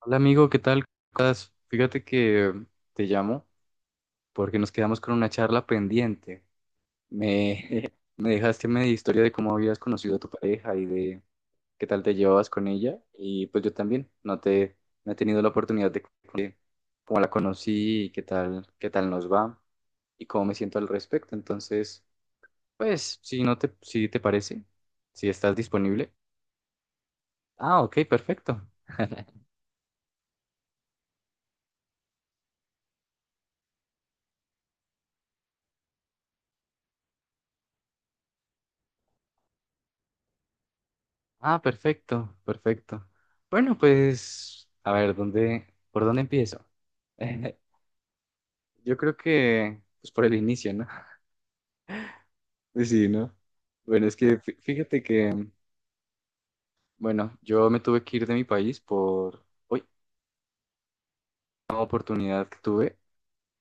Hola amigo, ¿qué tal? ¿Cómo estás? Fíjate que te llamo porque nos quedamos con una charla pendiente. Me, me dejaste media historia de cómo habías conocido a tu pareja y de qué tal te llevabas con ella. Y pues yo también no he tenido la oportunidad de cómo la conocí y qué tal nos va y cómo me siento al respecto. Entonces, pues, si te parece, si estás disponible. Ah, ok, perfecto. Ah, perfecto, perfecto. Bueno, pues, a ver, ¿por dónde empiezo? Yo creo que, pues por el inicio, ¿no? Pues sí, ¿no? Bueno, es que fíjate que, bueno, yo me tuve que ir de mi país por, uy, una oportunidad que tuve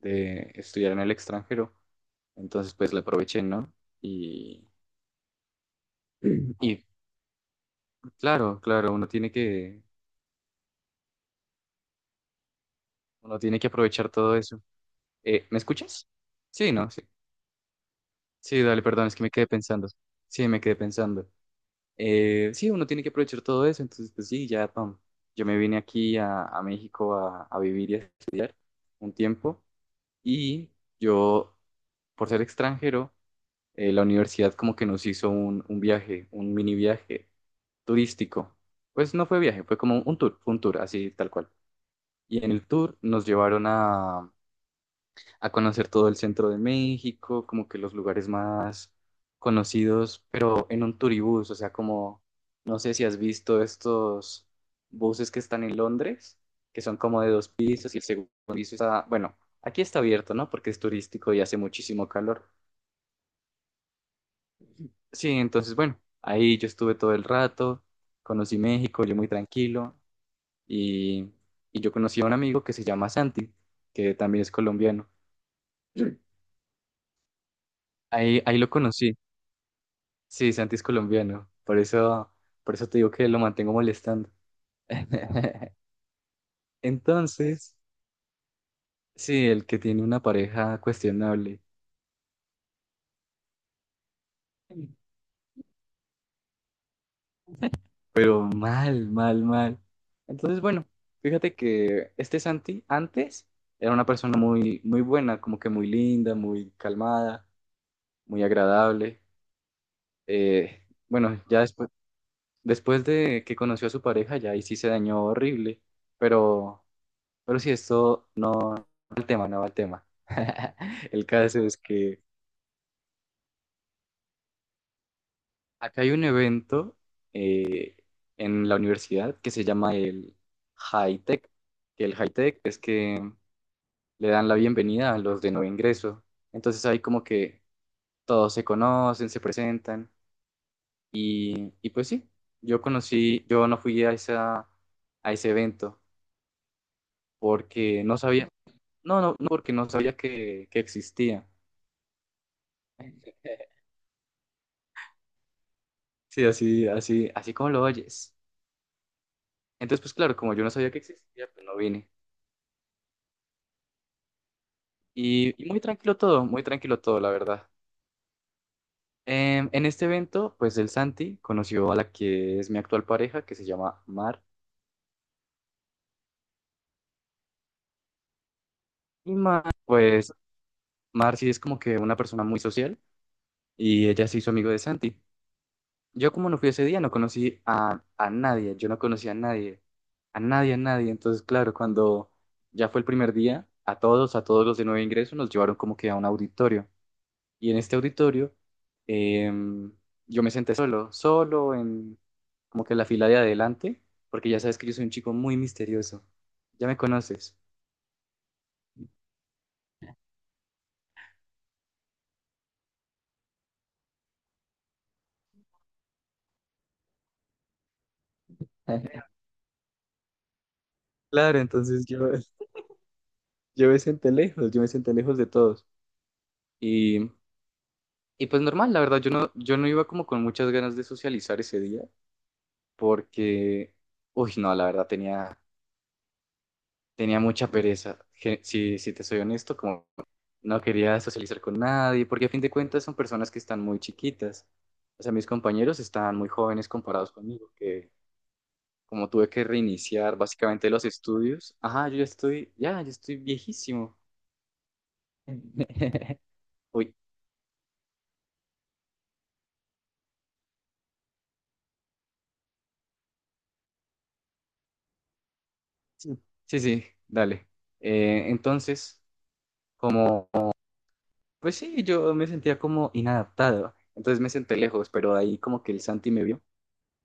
de estudiar en el extranjero. Entonces, pues la aproveché, ¿no? Y y claro, claro, uno tiene que aprovechar todo eso. ¿Me escuchas? Sí, ¿no? Sí. Sí, dale, perdón, es que me quedé pensando. Sí, me quedé pensando. Sí, uno tiene que aprovechar todo eso, entonces, pues sí, ya, pam. Yo me vine aquí a México a vivir y a estudiar un tiempo y yo, por ser extranjero, la universidad como que nos hizo un viaje, un mini viaje turístico. Pues no fue viaje, fue como un tour, fue un tour, así tal cual. Y en el tour nos llevaron a conocer todo el centro de México, como que los lugares más conocidos, pero en un turibús, o sea, como, no sé si has visto estos buses que están en Londres, que son como de dos pisos y el segundo piso está, bueno, aquí está abierto, ¿no? Porque es turístico y hace muchísimo calor. Sí, entonces, bueno, ahí yo estuve todo el rato, conocí México, yo muy tranquilo y, y yo conocí a un amigo que se llama Santi, que también es colombiano. Ahí, ahí lo conocí. Sí, Santi es colombiano, por eso te digo que lo mantengo molestando. Entonces, sí, el que tiene una pareja cuestionable, pero mal, mal, mal. Entonces, bueno, fíjate que este Santi antes era una persona muy, muy buena, como que muy linda, muy calmada, muy agradable. Bueno, ya después, después de que conoció a su pareja, ya ahí sí se dañó horrible, pero si esto no va al tema, no va al tema. El caso es que acá hay un evento eh, en la universidad que se llama el High Tech. Que el High Tech es que le dan la bienvenida a los de nuevo ingreso. Entonces ahí como que todos se conocen, se presentan y pues sí, yo no fui a a ese evento porque no sabía, no porque no sabía que existía. Sí, así, así, así como lo oyes. Entonces, pues claro, como yo no sabía que existía, pues no vine. Y muy tranquilo todo, la verdad. En este evento, pues el Santi conoció a la que es mi actual pareja, que se llama Mar. Y Mar, Mar sí es como que una persona muy social y ella se hizo amigo de Santi. Yo como no fui ese día, no conocí a nadie, yo no conocí a nadie, a nadie, a nadie. Entonces, claro, cuando ya fue el primer día, a todos los de nuevo ingreso, nos llevaron como que a un auditorio. Y en este auditorio em, yo me senté solo, solo en como que la fila de adelante, porque ya sabes que yo soy un chico muy misterioso. Ya me conoces. Claro, entonces yo me senté lejos, yo me senté lejos de todos. Y, y pues normal, la verdad, yo no, yo no iba como con muchas ganas de socializar ese día, porque, uy, no, la verdad, tenía, tenía mucha pereza. Si, si te soy honesto, como no quería socializar con nadie, porque a fin de cuentas son personas que están muy chiquitas. O sea, mis compañeros están muy jóvenes comparados conmigo, que como tuve que reiniciar básicamente los estudios, ajá, yo ya estoy, ya, yo estoy viejísimo. Uy, sí, sí, sí, dale. Entonces, como, pues sí, yo me sentía como inadaptado. Entonces me senté lejos, pero ahí como que el Santi me vio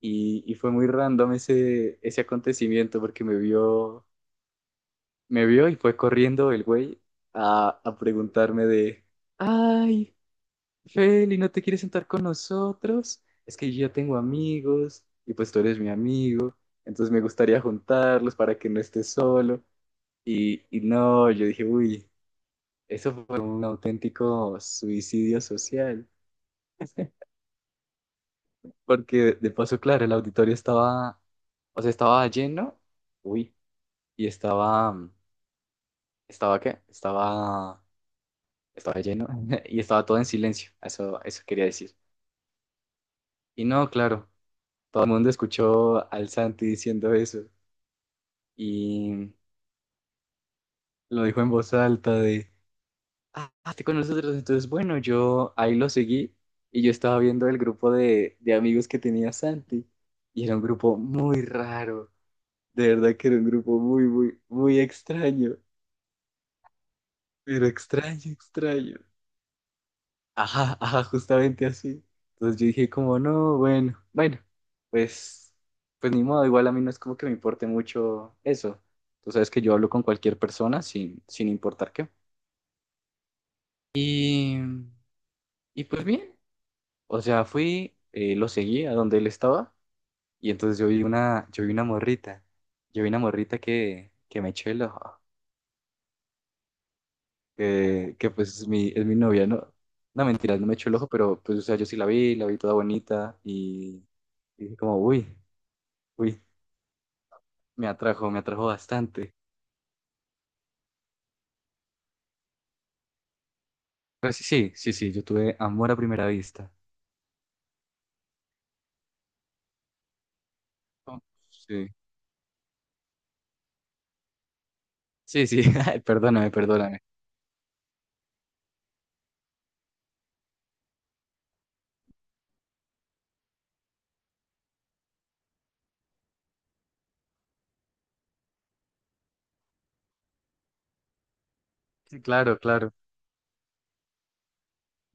y fue muy random ese, ese acontecimiento porque me vio y fue corriendo el güey a preguntarme de, ay, Feli, ¿no te quieres sentar con nosotros? Es que yo ya tengo amigos y pues tú eres mi amigo, entonces me gustaría juntarlos para que no estés solo. Y no, yo dije, uy, eso fue un auténtico suicidio social, porque de paso, claro, el auditorio estaba, o sea, estaba lleno, uy, y estaba, ¿estaba qué? Estaba lleno y estaba todo en silencio, eso quería decir. Y no, claro, todo el mundo escuchó al Santi diciendo eso y lo dijo en voz alta de, ah, estoy con nosotros, entonces bueno, yo ahí lo seguí y yo estaba viendo el grupo de amigos que tenía Santi y era un grupo muy raro, de verdad que era un grupo muy, muy, muy extraño, pero extraño, extraño. Ajá, ajá, justamente así. Entonces yo dije como, no, bueno, bueno, pues, pues ni modo, igual a mí no es como que me importe mucho eso. Tú sabes que yo hablo con cualquier persona sin, sin importar qué. Y, y pues bien, o sea, fui, lo seguí a donde él estaba y entonces yo vi una morrita, yo vi una morrita que me echó el ojo. Que pues es mi novia, ¿no? No, mentiras, no me echó el ojo, pero pues, o sea, yo sí la vi toda bonita y dije como, uy, uy, me atrajo bastante. Pero sí, sí, sí, sí, yo tuve amor a primera vista. Oh, sí, sí, sí, ay, perdóname, perdóname. Sí, claro, claro,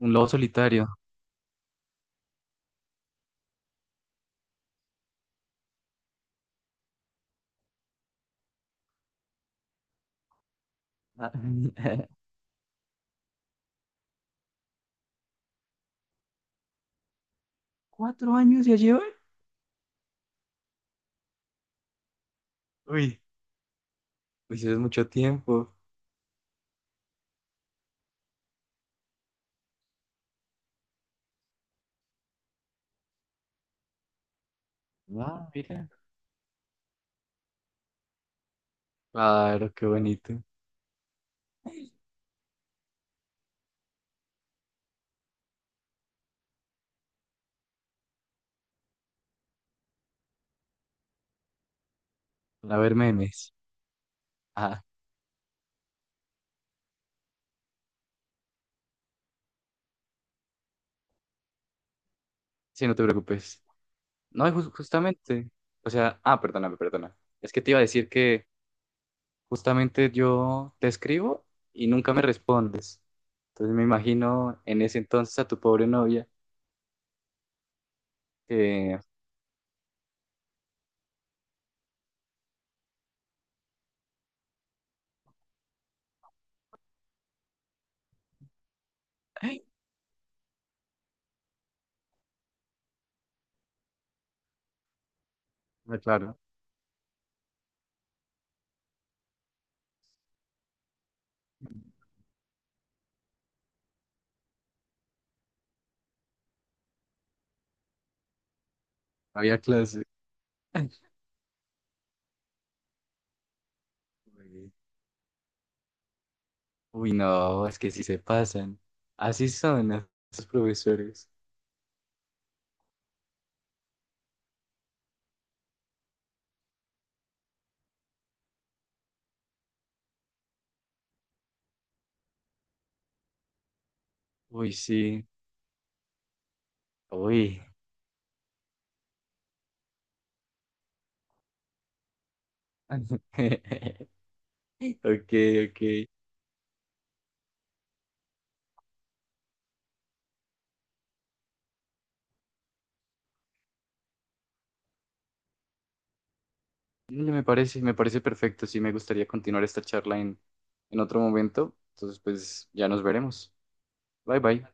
un lobo solitario. Ah, ¿Cuatro años ya lleva? Uy, pues eso es mucho tiempo. Ah, mira. Claro, qué bonito. A ver, memes. Ah, sí, no te preocupes. No, y justamente, o sea, ah, perdóname, perdona. Es que te iba a decir que justamente yo te escribo y nunca me respondes. Entonces me imagino en ese entonces a tu pobre novia que, ah, claro, había clase. Uy, uy, no, es que sí se pasan. Así son esos profesores. Uy, sí, uy. Ok, ok. Dale, me parece, me parece perfecto. Sí, me gustaría continuar esta charla en otro momento. Entonces, pues ya nos veremos. Bye bye.